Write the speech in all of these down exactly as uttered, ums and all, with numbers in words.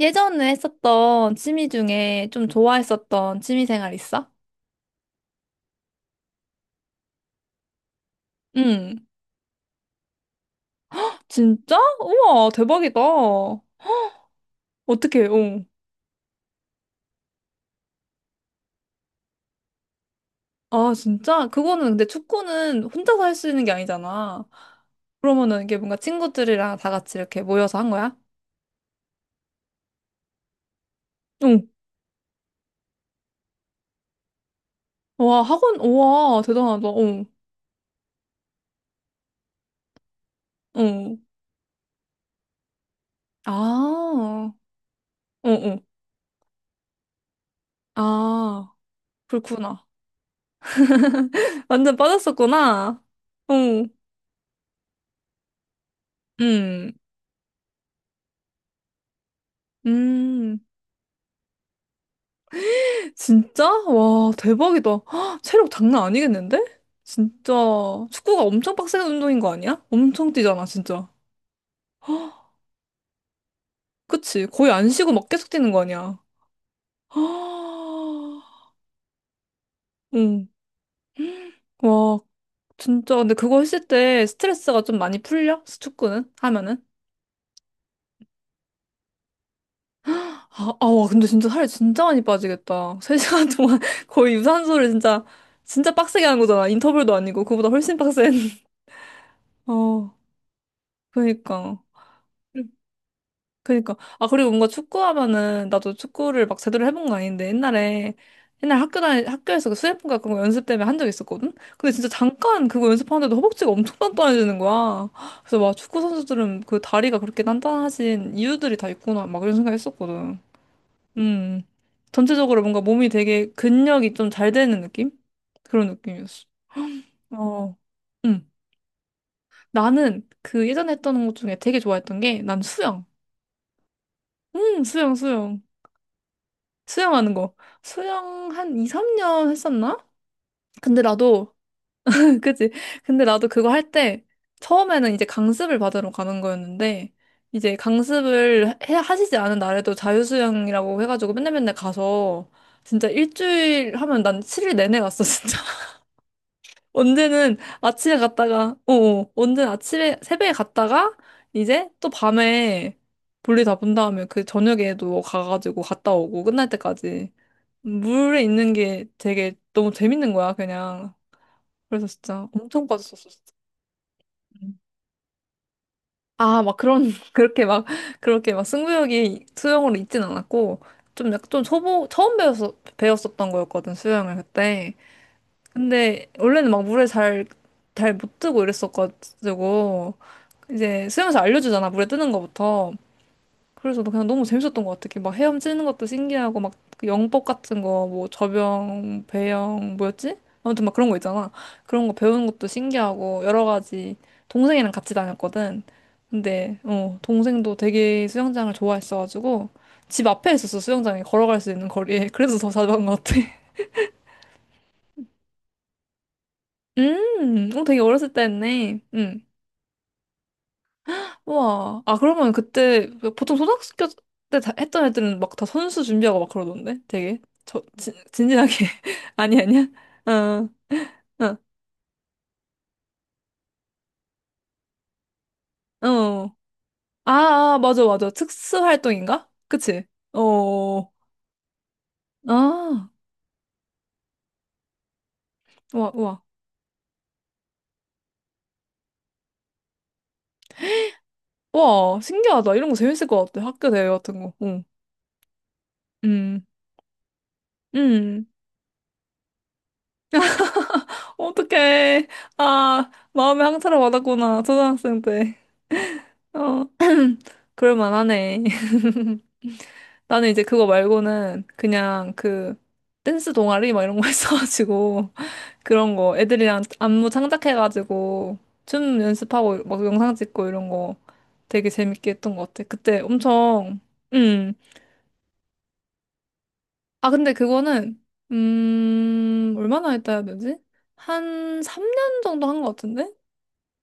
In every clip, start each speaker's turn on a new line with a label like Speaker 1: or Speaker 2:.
Speaker 1: 예전에 했었던 취미 중에 좀 좋아했었던 취미 생활 있어? 응. 진짜? 우와, 대박이다. 어떻게, 어. 아, 진짜? 그거는 근데 축구는 혼자서 할 수 있는 게 아니잖아. 그러면은 이게 뭔가 친구들이랑 다 같이 이렇게 모여서 한 거야? 응. 와, 학원, 우와, 대단하다. 응. 응. 아, 응, 응. 아, 그렇구나. 완전 빠졌었구나. 어. 응. 음. 음. 진짜? 와, 대박이다. 헉, 체력 장난 아니겠는데? 진짜 축구가 엄청 빡센 운동인 거 아니야? 엄청 뛰잖아, 진짜. 그치? 거의 안 쉬고 막 계속 뛰는 거 아니야? 헉, 응. 와, 진짜. 근데 그거 했을 때 스트레스가 좀 많이 풀려? 축구는? 하면은? 아, 아, 와, 근데 진짜 살이 진짜 많이 빠지겠다. 세 시간 동안 거의 유산소를 진짜, 진짜 빡세게 하는 거잖아. 인터벌도 아니고, 그거보다 훨씬 빡센. 어, 그니까. 그니까. 아, 그리고 뭔가 축구하면은, 나도 축구를 막 제대로 해본 건 아닌데, 옛날에, 옛날 학교 다니, 학교에서 그 수뇌품과 그런 거 연습 때문에 한 적 있었거든? 근데 진짜 잠깐 그거 연습하는데도 허벅지가 엄청 단단해지는 거야. 그래서 막 축구 선수들은 그 다리가 그렇게 단단하신 이유들이 다 있구나. 막 이런 생각 했었거든. 음. 전체적으로 뭔가 몸이 되게 근력이 좀 잘 되는 느낌? 그런 느낌이었어. 어. 음. 나는 그 예전에 했던 것 중에 되게 좋아했던 게, 난 수영. 음, 수영, 수영. 수영하는 거. 수영 한 이, 삼 년 했었나? 근데 나도, 그치? 근데 나도 그거 할 때, 처음에는 이제 강습을 받으러 가는 거였는데, 이제 강습을 해, 하시지 않은 날에도 자유수영이라고 해가지고 맨날 맨날 가서, 진짜 일주일 하면 난 칠 일 내내 갔어, 진짜. 언제는 아침에 갔다가, 어어, 언제는 아침에, 새벽에 갔다가, 이제 또 밤에 볼일 다 본 다음에 그 저녁에도 가가지고 갔다 오고, 끝날 때까지. 물에 있는 게 되게 너무 재밌는 거야, 그냥. 그래서 진짜 엄청 빠졌었어, 진짜. 음. 아, 막 그런, 그렇게 막, 그렇게 막 승부욕이 수영으로 있진 않았고, 좀 약간 좀 초보, 처음 배웠어, 배웠었던 거였거든, 수영을 그때. 근데 원래는 막 물에 잘, 잘 못 뜨고 이랬었가지고, 이제 수영에서 알려주잖아, 물에 뜨는 거부터. 그래서 나 그냥 너무 재밌었던 것 같아. 이렇게 막 헤엄치는 것도 신기하고, 막그 영법 같은 거, 뭐 접영, 배영, 뭐였지? 아무튼 막 그런 거 있잖아. 그런 거 배우는 것도 신기하고, 여러 가지. 동생이랑 같이 다녔거든. 근데, 어, 동생도 되게 수영장을 좋아했어가지고, 집 앞에 있었어, 수영장이. 걸어갈 수 있는 거리에. 그래서 더 자주 간 것 같아. 음, 어, 되게 어렸을 때 했네. 음. 우와. 아, 그러면 그때 보통 초등학교 때 다- 했던 애들은 막 다 선수 준비하고 막 그러던데? 되게 저, 진, 진지하게. 아니, 아니야? 어, 어, 어. 아, 아, 맞아, 맞아. 특수 활동인가? 그치? 어, 아, 우와, 우와. 우와, 신기하다. 이런 거 재밌을 것 같아. 학교 대회 같은 거. 응. 음, 음. 어떡해. 아, 마음에 항차를 받았구나. 초등학생 때. 어, 그럴만하네. 나는 이제 그거 말고는 그냥 그 댄스 동아리 막 이런 거 했어가지고 그런 거 애들이랑 안무 창작해가지고 춤 연습하고 막 영상 찍고 이런 거 되게 재밌게 했던 것 같아. 그때 엄청. 음. 아 근데 그거는 음 얼마나 했다 해야 되지? 한 삼 년 정도 한 것 같은데?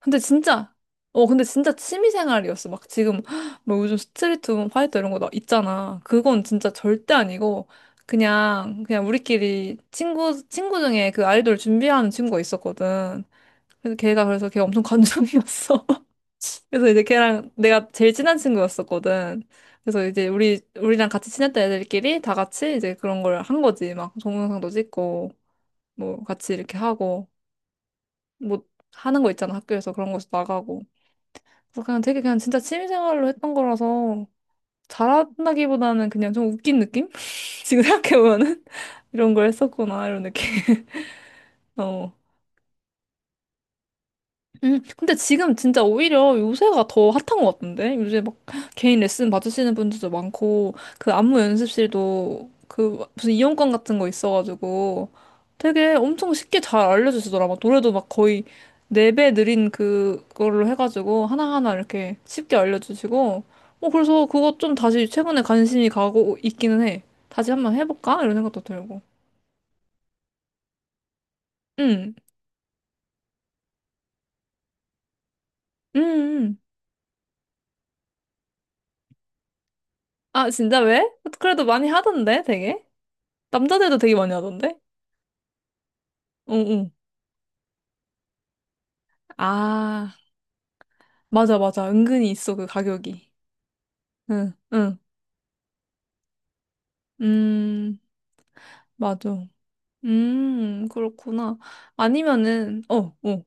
Speaker 1: 근데 진짜, 어, 근데 진짜 취미생활이었어. 막 지금, 뭐 요즘 스트리트 우먼 파이터 이런 거 나 있잖아. 그건 진짜 절대 아니고, 그냥, 그냥 우리끼리 친구, 친구 중에 그 아이돌 준비하는 친구가 있었거든. 그래서 걔가 그래서 걔 엄청 관종이었어. 그래서 이제 걔랑 내가 제일 친한 친구였었거든. 그래서 이제 우리, 우리랑 같이 친했던 애들끼리 다 같이 이제 그런 걸 한 거지. 막 동영상도 찍고, 뭐 같이 이렇게 하고, 뭐 하는 거 있잖아. 학교에서 그런 거에서 나가고. 그래서 그냥 되게 그냥 진짜 취미생활로 했던 거라서 잘한다기보다는 그냥 좀 웃긴 느낌? 지금 생각해보면은 이런 걸 했었구나 이런 느낌. 어. 음, 근데 지금 진짜 오히려 요새가 더 핫한 것 같은데? 요새 막 개인 레슨 받으시는 분들도 많고, 그 안무 연습실도 그 무슨 이용권 같은 거 있어가지고 되게 엄청 쉽게 잘 알려주시더라. 막 노래도 막 거의 네 배 느린 그걸로 해가지고 하나하나 이렇게 쉽게 알려주시고, 어, 그래서 그거 좀 다시 최근에 관심이 가고 있기는 해. 다시 한번 해볼까? 이런 생각도 들고. 음, 음, 음. 아, 진짜 왜? 그래도 많이 하던데, 되게? 남자들도 되게 많이 하던데? 응, 응. 아, 맞아, 맞아. 은근히 있어, 그 가격이. 응, 응. 음, 맞아. 음, 그렇구나. 아니면은, 어, 어.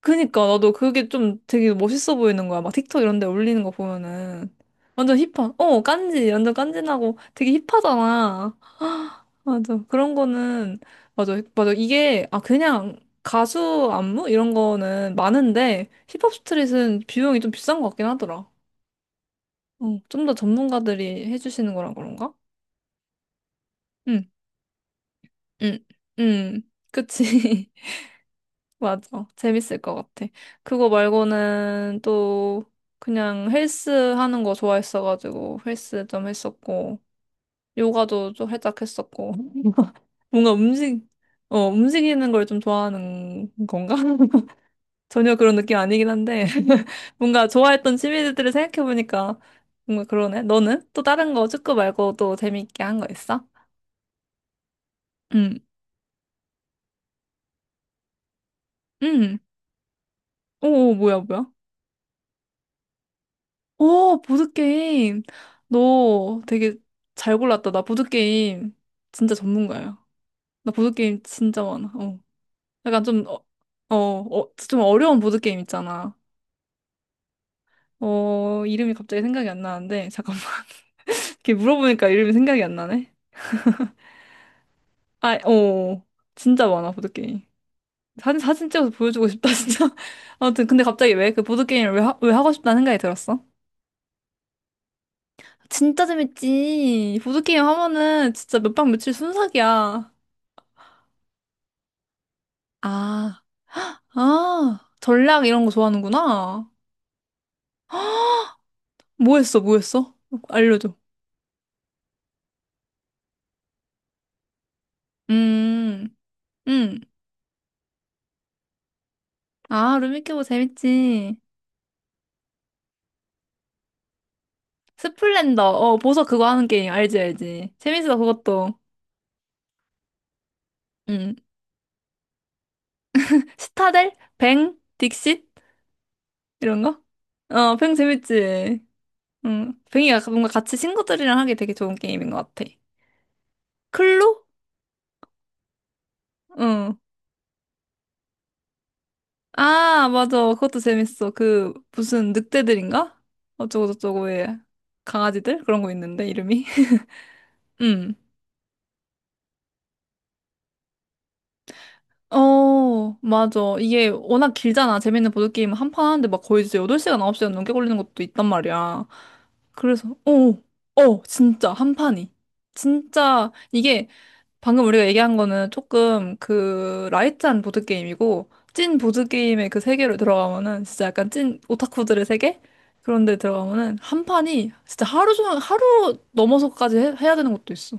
Speaker 1: 그니까 나도 그게 좀 되게 멋있어 보이는 거야. 막 틱톡 이런 데 올리는 거 보면은 완전 힙한. 어, 깐지. 완전 깐지나고 되게 힙하잖아. 맞아. 그런 거는 맞아. 맞아. 이게 아 그냥 가수 안무 이런 거는 많은데 힙합 스트릿은 비용이 좀 비싼 것 같긴 하더라. 어, 좀 더 전문가들이 해주시는 거라 그런가? 응, 응, 응. 그치. 맞아. 재밌을 것 같아. 그거 말고는 또 그냥 헬스 하는 거 좋아했어가지고 헬스 좀 했었고 요가도 좀 살짝 했었고. 뭔가 움직 어 움직이는 걸 좀 좋아하는 건가? 전혀 그런 느낌 아니긴 한데. 뭔가 좋아했던 취미들을 생각해보니까 뭔가 그러네. 너는 또 다른 거 축구 말고 또 재밌게 한 거 있어? 응. 응. 오, 뭐야 뭐야? 오, 보드게임. 너 되게 잘 골랐다. 나 보드게임 진짜 전문가야. 나 보드게임 진짜 많아. 어. 약간 좀, 어, 어, 어, 좀 어려운 보드게임 있잖아. 어, 이름이 갑자기 생각이 안 나는데, 잠깐만. 이렇게 물어보니까 이름이 생각이 안 나네. 아, 어, 진짜 많아, 보드게임. 사진, 사진 찍어서 보여주고 싶다, 진짜. 아무튼, 근데 갑자기 왜 그 보드게임을 왜, 하, 왜 하고 싶다는 생각이 들었어? 진짜 재밌지. 보드게임 하면은 진짜 몇 박 며칠 순삭이야. 아, 아, 전략 이런 거 좋아하는구나. 뭐 했어, 뭐 했어? 알려줘. 음, 음. 아, 루미큐브 재밌지. 스플렌더, 어, 보석 그거 하는 게임, 알지, 알지. 재밌어, 그것도. 음. 스타델? 뱅? 딕싯? 이런 거? 어, 뱅 재밌지. 응. 뱅이가 뭔가 같이 친구들이랑 하기 되게 좋은 게임인 것 같아. 클로? 응. 아, 맞아. 그것도 재밌어. 그, 무슨 늑대들인가? 어쩌고저쩌고의 강아지들? 그런 거 있는데, 이름이. 응. 어, 맞아. 이게 워낙 길잖아. 재밌는 보드게임은 한 판 하는데 막 거의 진짜 여덟 시간, 아홉 시간 넘게 걸리는 것도 있단 말이야. 그래서, 어, 어, 진짜, 한 판이. 진짜, 이게 방금 우리가 얘기한 거는 조금 그 라이트한 보드게임이고, 찐 보드게임의 그 세계로 들어가면은 진짜 약간 찐 오타쿠들의 세계? 그런 데 들어가면은 한 판이 진짜 하루 종일, 하루 넘어서까지 해, 해야 되는 것도 있어.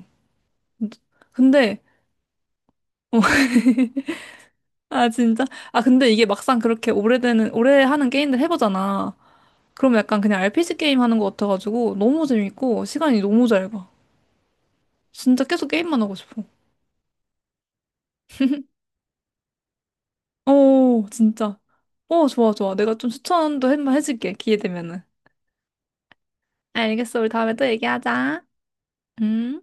Speaker 1: 근데, 어, 아, 진짜? 아, 근데 이게 막상 그렇게 오래되는, 오래 하는 게임들 해보잖아. 그럼 약간 그냥 알피지 게임 하는 것 같아가지고 너무 재밌고 시간이 너무 잘 가. 진짜 계속 게임만 하고 싶어. 오, 진짜. 오, 좋아, 좋아. 내가 좀 추천도 한번 해줄게. 기회 되면은. 알겠어. 우리 다음에 또 얘기하자. 응?